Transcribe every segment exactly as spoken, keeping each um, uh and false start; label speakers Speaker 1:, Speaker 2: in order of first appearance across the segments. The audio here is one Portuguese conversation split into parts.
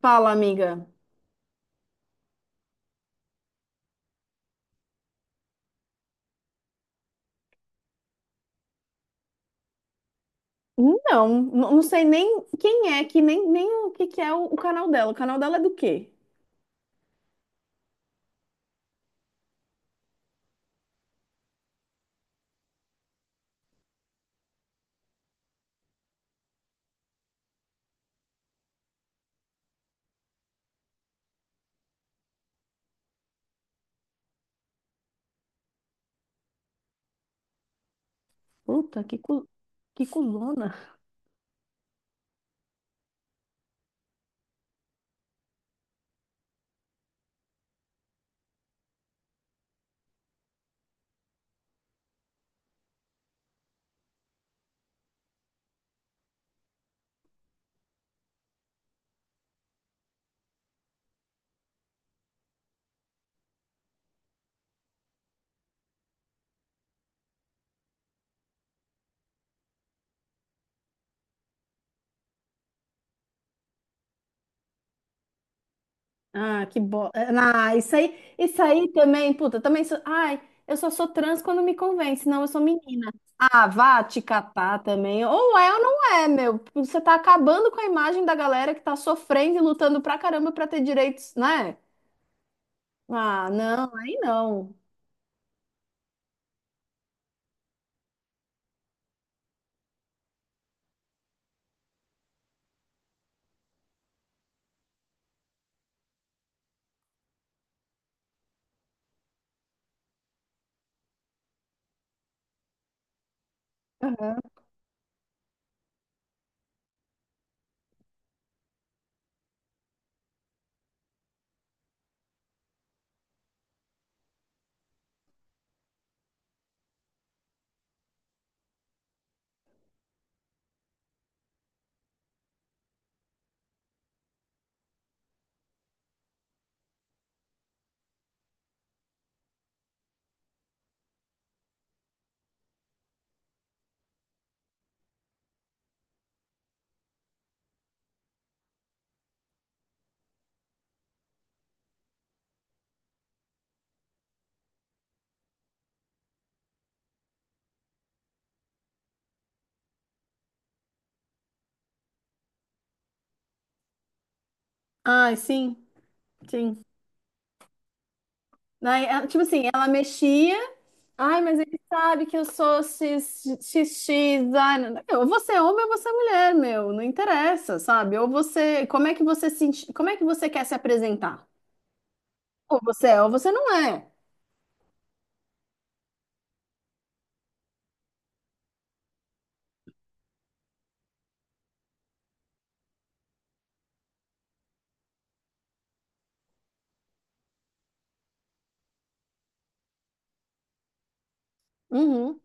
Speaker 1: Fala, amiga. Não, n- não sei nem quem é, que nem, nem o que, que é o, o canal dela. O canal dela é do quê? Puta, que, cu... que cuzona. Ah, que bo... é, ah, isso aí, isso aí também, puta, também sou... Ai, eu só sou trans quando me convém, senão eu sou menina. Ah, vá te catar também. Ou é ou não é, meu. Você tá acabando com a imagem da galera que tá sofrendo e lutando pra caramba pra ter direitos, né? Ah, não, aí não. Ai, sim, sim. Daí, ela- tipo assim, ela mexia. Ai, mas ele sabe que eu sou cis- XX. Ai, não- eu, ou você é homem ou você é mulher, meu. Não interessa, sabe? Ou você. Como é que você se, enx- como é que você quer se apresentar? Ou você é ou você não é. Uhum.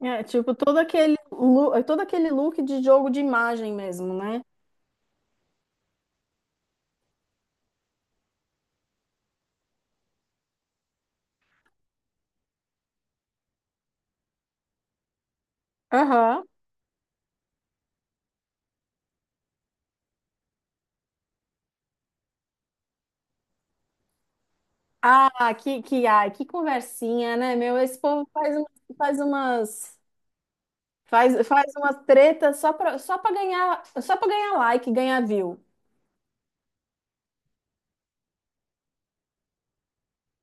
Speaker 1: É, tipo, todo aquele, lu- todo aquele look de jogo de imagem mesmo, né? Aham. Ah, que, que, ai, que conversinha, né, meu? Esse povo faz, um- faz umas. Faz, faz uma treta só pra, só pra ganhar, só pra ganhar like, ganhar view.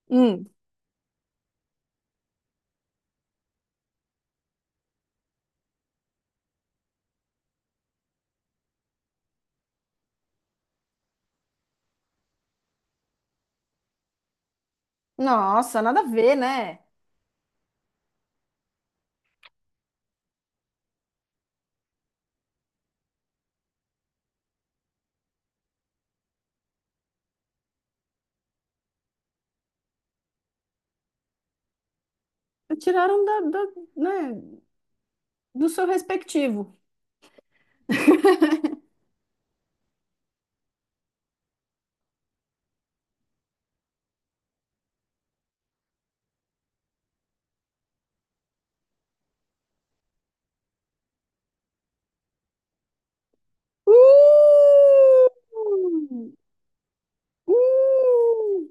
Speaker 1: Hum. Nossa, nada a ver, né? Tiraram da, da- né, do seu respectivo. Uh! Uh!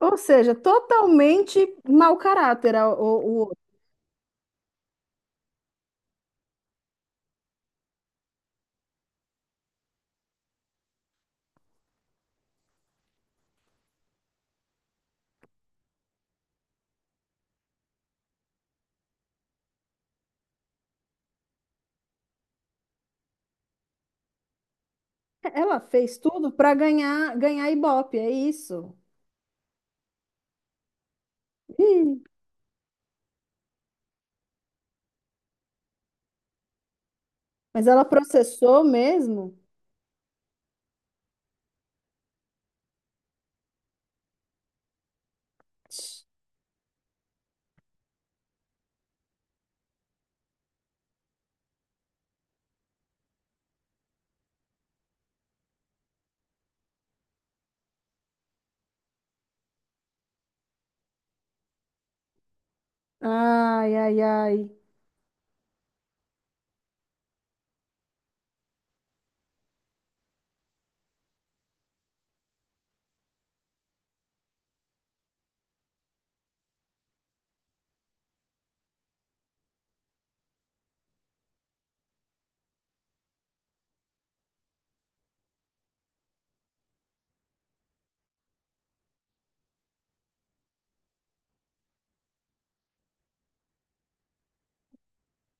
Speaker 1: Ou seja, totalmente mau caráter a- o, o outro. Ela fez tudo para ganhar ganhar Ibope, é isso. Ih, mas ela processou mesmo? Ai, ai, ai.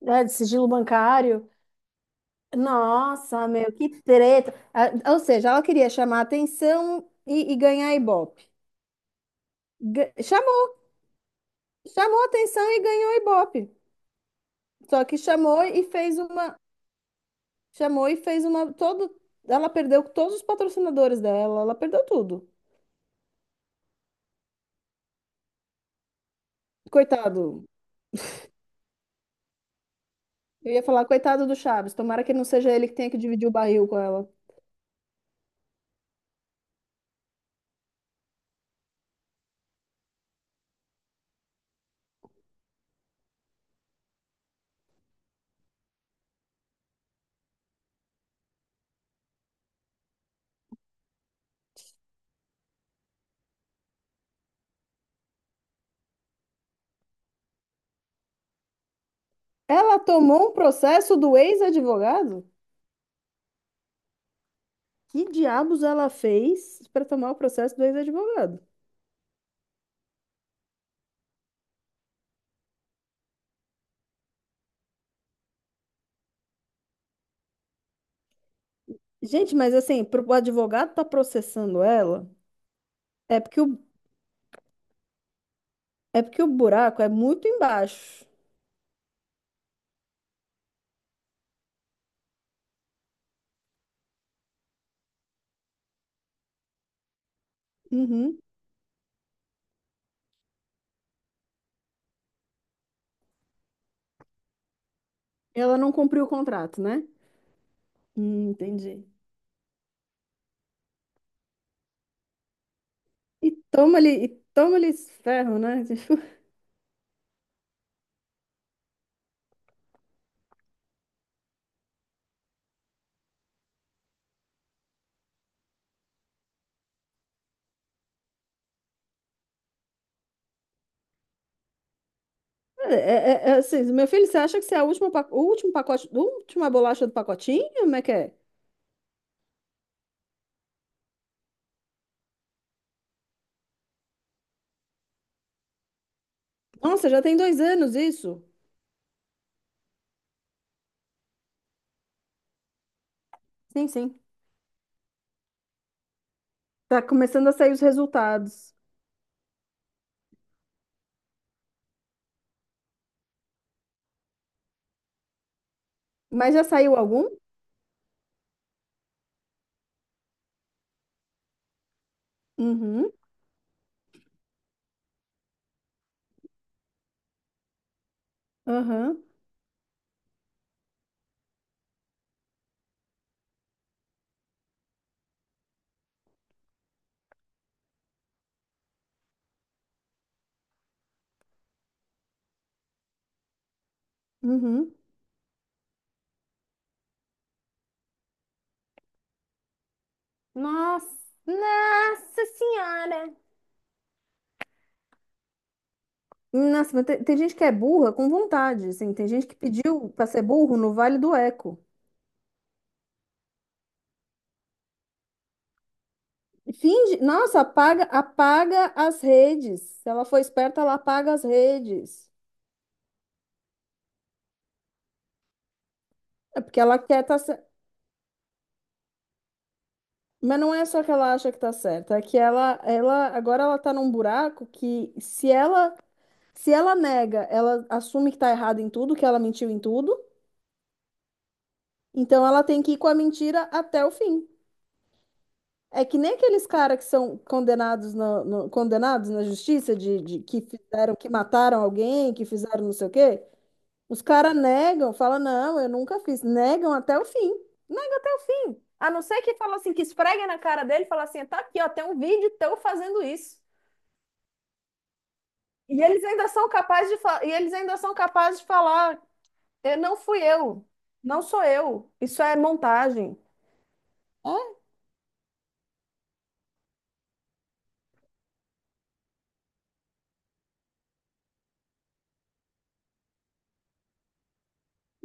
Speaker 1: É de sigilo bancário? Nossa, meu, que treta. Ah, ou seja, ela queria chamar atenção e, e ganhar Ibope. Ga- Chamou, chamou atenção e ganhou Ibope. Só que chamou e fez uma, chamou e fez uma todo, ela perdeu todos os patrocinadores dela, ela perdeu tudo. Coitado. Eu ia falar, coitado do Chaves, tomara que não seja ele que tenha que dividir o barril com ela. Ela tomou um processo do ex-advogado? Que diabos ela fez para tomar o processo do ex-advogado? Gente, mas assim, pro- o advogado tá processando ela, é porque o, é porque o buraco é muito embaixo. Uhum. Ela não cumpriu o contrato, né? Hum, entendi. E toma-lhe, e toma-lhe esse ferro, né? Tipo, é, é- é é assim, meu filho, você acha que você é a última, pa- o último pacote, a última bolacha do pacotinho? Como é que é? Nossa, já tem dois anos isso? Sim, sim. Tá começando a sair os resultados. Mas já saiu algum? Uhum, aham, uhum, nossa, nossa senhora! Nossa, mas tem, tem gente que é burra com vontade, assim. Tem gente que pediu para ser burro no Vale do Eco. Finge, nossa, apaga, apaga as redes. Se ela for esperta, ela apaga as redes. É porque ela quer tá certa. Mas não é só que ela acha que tá certa, é que ela, ela agora ela tá num buraco que se ela se ela nega, ela assume que tá errada em tudo, que ela mentiu em tudo. Então ela tem que ir com a mentira até o fim. É que nem aqueles caras que são condenados na, no- condenados na justiça de, de- que fizeram, que mataram alguém, que fizeram não sei o quê. Os caras negam, falam, não, eu nunca fiz. Negam até o fim. Negam até o fim. A não ser que fala assim, que esfregue na cara dele e fala assim, tá aqui, ó, tem um vídeo teu fazendo isso. E eles ainda são capazes de fa- e eles ainda são capazes de falar, "Eh, não fui eu, não sou eu, isso é montagem." É,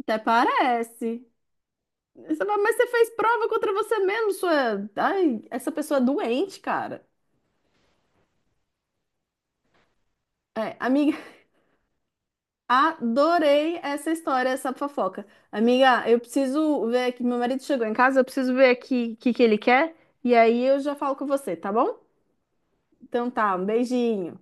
Speaker 1: até parece. Você fala, mas você fez prova contra você mesmo, sua. Ai, essa pessoa é doente, cara. É, amiga, adorei essa história, essa fofoca. Amiga, eu preciso ver aqui. Meu marido chegou em casa, eu preciso ver aqui o que que ele quer. E aí eu já falo com você, tá bom? Então tá, um beijinho.